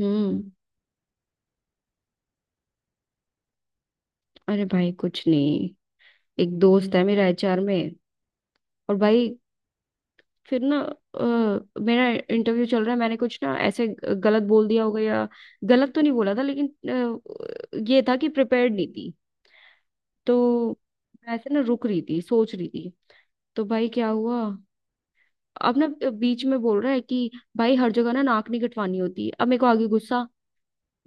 हम्म। अरे भाई कुछ नहीं। एक दोस्त है मेरा एचआर में। और भाई फिर ना मेरा इंटरव्यू चल रहा है, मैंने कुछ ना ऐसे गलत बोल दिया होगा, या गलत तो नहीं बोला था, लेकिन ये था कि प्रिपेयर्ड नहीं थी। तो मैं ऐसे ना रुक रही थी, सोच रही थी। तो भाई क्या हुआ। अब ना बीच में बोल रहा है कि भाई हर जगह ना नाक नहीं कटवानी होती। अब मेरे को आगे गुस्सा। मैं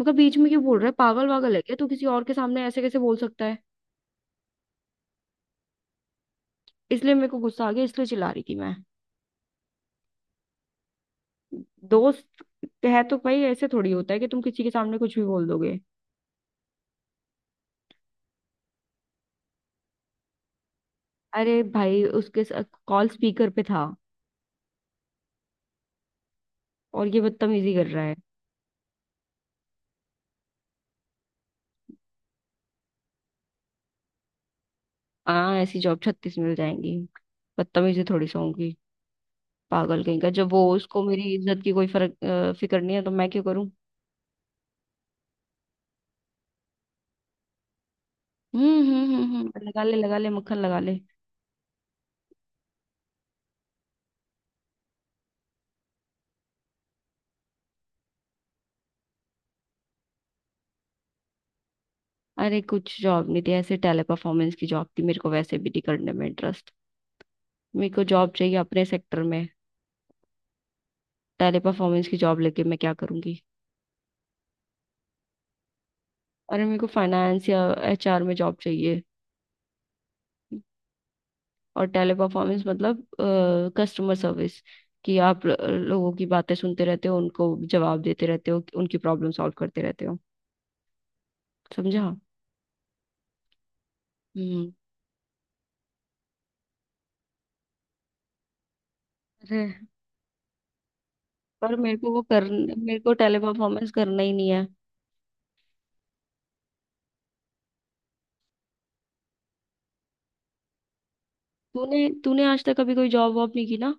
कहा बीच में क्यों बोल रहा है, पागल वागल है क्या, तू किसी और के सामने ऐसे कैसे बोल सकता है। इसलिए मेरे को गुस्सा आ गया, इसलिए चिल्ला रही थी मैं। दोस्त है तो भाई ऐसे थोड़ी होता है कि तुम किसी के सामने कुछ भी बोल दोगे। अरे भाई उसके कॉल स्पीकर पे था, और ये बदतमीजी कर रहा है। हाँ ऐसी जॉब 36 मिल जाएंगी। बदतमीजी थोड़ी सा होंगी। पागल कहीं का, जब वो उसको मेरी इज्जत की कोई फर्क फिक्र नहीं है तो मैं क्यों करूं। लगा ले मक्खन लगा ले। अरे कुछ जॉब नहीं थी, ऐसे टेले परफॉर्मेंस की जॉब थी, मेरे को वैसे भी नहीं करने में इंटरेस्ट। मेरे को जॉब चाहिए अपने सेक्टर में। टेले परफॉर्मेंस की जॉब लेके मैं क्या करूंगी। अरे मेरे को फाइनेंस या एचआर में जॉब चाहिए। और टेली परफॉर्मेंस मतलब कस्टमर सर्विस। कि आप लोगों की बातें सुनते रहते हो, उनको जवाब देते रहते हो, उनकी प्रॉब्लम सॉल्व करते रहते हो। समझा? हम्म। अरे पर मेरे को टेली परफॉर्मेंस करना ही नहीं है। तूने तूने आज तक कभी कोई जॉब वॉब नहीं की ना।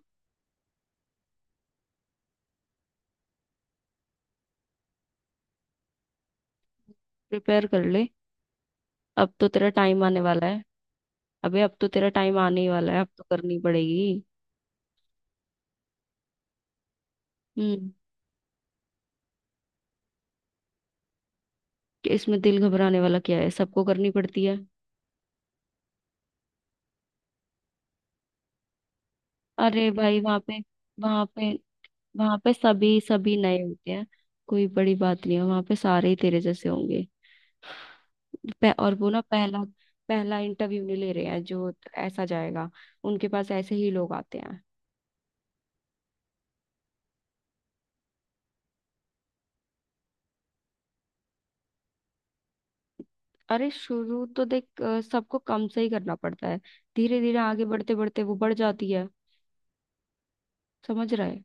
प्रिपेयर कर ले। अब तो तेरा टाइम आने वाला है। अबे अब तो तेरा टाइम आने ही वाला है, अब तो करनी पड़ेगी। हम्म। कि इसमें दिल घबराने वाला क्या है, सबको करनी पड़ती है। अरे भाई वहाँ पे वहाँ पे सभी सभी नए होते हैं। कोई बड़ी बात नहीं है, वहाँ पे सारे ही तेरे जैसे होंगे। और वो ना पहला पहला इंटरव्यू नहीं ले रहे हैं जो ऐसा जाएगा, उनके पास ऐसे ही लोग आते हैं। अरे शुरू तो देख, सबको कम से ही करना पड़ता है। धीरे धीरे आगे बढ़ते बढ़ते वो बढ़ जाती है। समझ रहा है?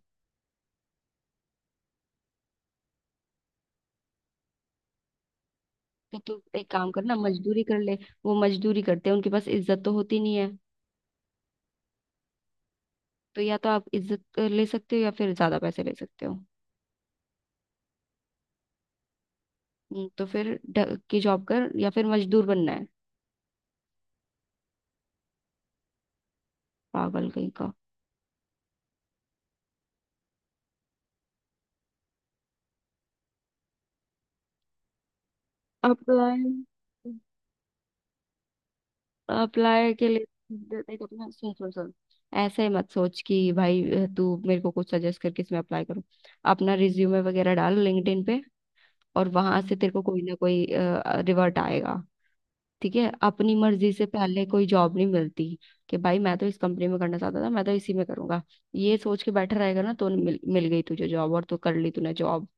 तो तू एक काम करना, मजदूरी कर ले। वो मजदूरी करते हैं, उनके पास इज्जत तो होती नहीं है। तो या तो आप इज्जत ले सकते हो, या फिर ज्यादा पैसे ले सकते हो। तो फिर की जॉब कर या फिर मजदूर बनना है। पागल कहीं का। अप्लाई अप्लाई के लिए, देख अपना, सुन सुन सुन। ऐसे मत सोच कि भाई तू मेरे को कुछ सजेस्ट करके इसमें अप्लाई करूँ। अपना रिज्यूमे वगैरह डाल लिंक्डइन पे, और वहां से तेरे को कोई ना कोई रिवर्ट आएगा। ठीक है, अपनी मर्जी से पहले कोई जॉब नहीं मिलती। कि भाई मैं तो इस कंपनी में करना चाहता था, मैं तो इसी में करूंगा, ये सोच के बैठा रहेगा ना तो मिल गई तुझे जॉब और तू कर ली तूने जॉब।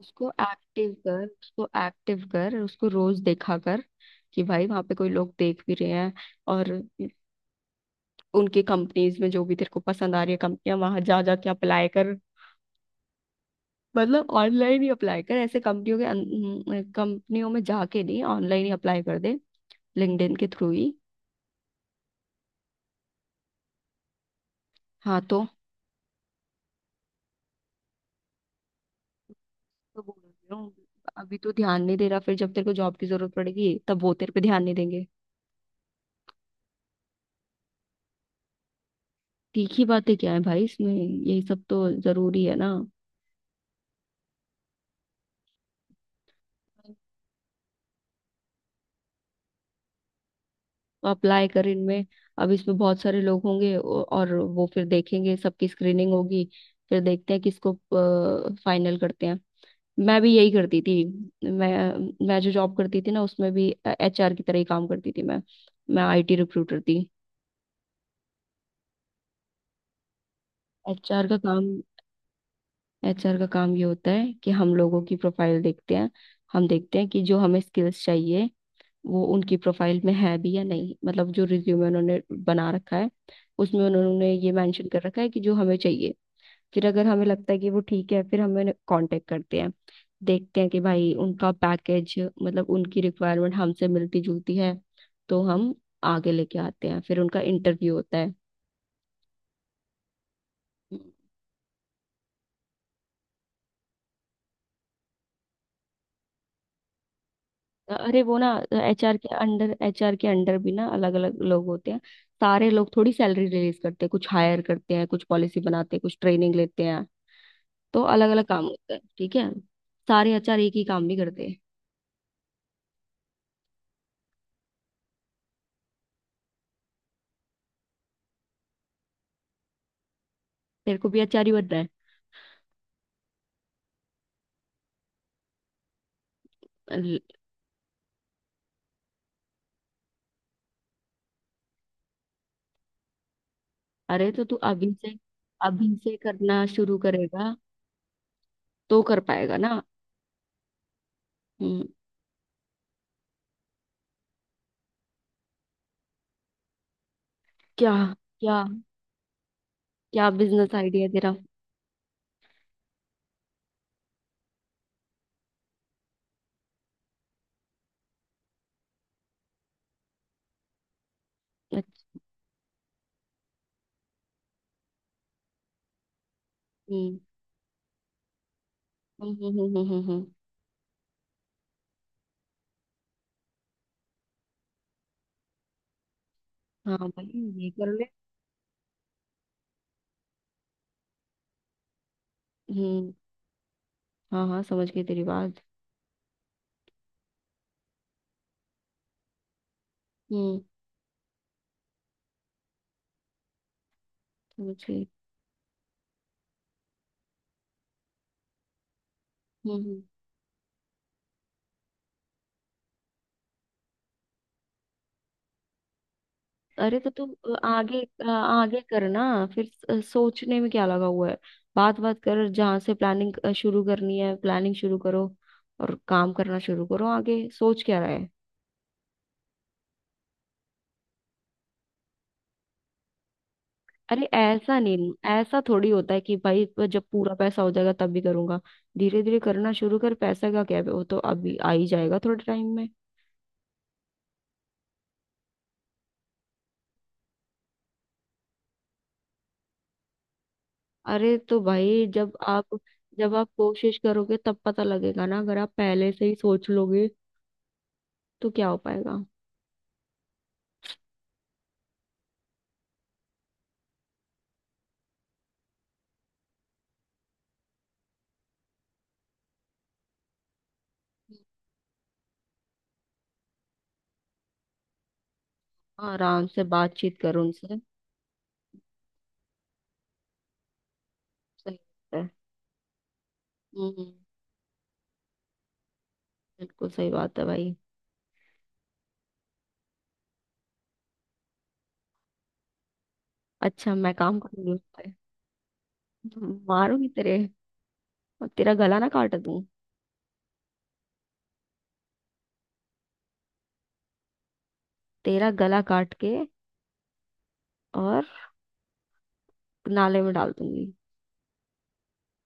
उसको एक्टिव कर, उसको एक्टिव कर, उसको रोज देखा कर। कि भाई वहां पे कोई लोग देख भी रहे हैं। और उनके कंपनीज में जो भी तेरे को पसंद आ रही है कंपनियां, वहां जा जा के अप्लाई कर। मतलब ऑनलाइन ही अप्लाई कर, ऐसे कंपनियों में जाके नहीं, ऑनलाइन ही अप्लाई कर दे, लिंक्डइन के थ्रू ही। हाँ। तो बोल रही हूँ, अभी तो ध्यान नहीं दे रहा, फिर जब तेरे को जॉब की जरूरत पड़ेगी तब वो तेरे पे ध्यान नहीं देंगे। तीखी बातें क्या है भाई इसमें, यही सब तो जरूरी है ना। अप्लाई कर इनमें। अब इसमें बहुत सारे लोग होंगे, और वो फिर देखेंगे, सबकी स्क्रीनिंग होगी, फिर देखते हैं किसको फाइनल करते हैं। मैं भी यही करती थी। मैं जो जॉब करती थी ना उसमें भी एचआर की तरह ही काम करती थी मैं। मैं आईटी रिक्रूटर थी। एचआर का काम एचआर का काम ये होता है कि हम लोगों की प्रोफाइल देखते हैं। हम देखते हैं कि जो हमें स्किल्स चाहिए वो उनकी प्रोफाइल में है भी या नहीं, मतलब जो रिज्यूमे उन्होंने बना रखा है उसमें उन्होंने ये मेंशन कर रखा है कि जो हमें चाहिए। फिर अगर हमें लगता है कि वो ठीक है, फिर हमें कांटेक्ट करते हैं। देखते हैं कि भाई उनका पैकेज मतलब उनकी रिक्वायरमेंट हमसे मिलती जुलती है, तो हम आगे लेके आते हैं, फिर उनका इंटरव्यू होता है। अरे वो ना एचआर के अंडर भी ना अलग अलग लोग होते हैं। सारे लोग थोड़ी सैलरी रिलीज करते हैं, कुछ हायर करते हैं, कुछ पॉलिसी बनाते हैं, कुछ ट्रेनिंग लेते हैं। तो अलग अलग काम होता है, ठीक है। सारे आचार्य एक ही काम नहीं करते। तेरे को भी आचार्य बनना है? अल- अरे तो तू अभी से करना शुरू करेगा तो कर पाएगा ना। हम्म। क्या क्या क्या बिजनेस आइडिया तेरा? अच्छा, हम्म हम्म हम्म हम्म हम्म, हम्म, हाँ भाई, ये कर ले। हम्म। हाँ हाँ समझ गई तेरी बात। हम्म। समझ गई। हम्म हम्म। अरे तो तुम आगे, आगे करना, फिर सोचने में क्या लगा हुआ है, बात बात कर, जहां से प्लानिंग शुरू करनी है प्लानिंग शुरू करो, और काम करना शुरू करो, आगे सोच क्या रहा है। अरे ऐसा नहीं, ऐसा थोड़ी होता है कि भाई जब पूरा पैसा हो जाएगा तब भी करूंगा। धीरे धीरे करना शुरू कर, पैसा का क्या, वो तो अभी आ ही जाएगा थोड़े टाइम में। अरे तो भाई जब आप कोशिश करोगे तब पता लगेगा ना, अगर आप पहले से ही सोच लोगे तो क्या हो पाएगा। आराम से बातचीत करो उनसे। सही बात है। हम्म। बिल्कुल सही बात है भाई। अच्छा, मैं काम करूंगी उस पे। तुम मारूंगी तेरे, और तेरा गला ना काट दूं। तेरा गला काट के और नाले में डाल दूंगी।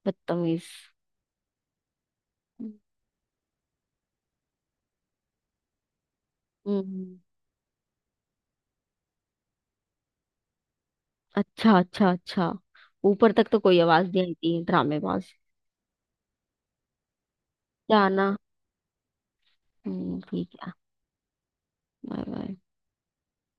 बदतमीज। हम्म। अच्छा अच्छा अच्छा, ऊपर तक तो कोई आवाज नहीं आई थी ड्रामेबाज। क्या ना। हम्म, ठीक है। Bye bye.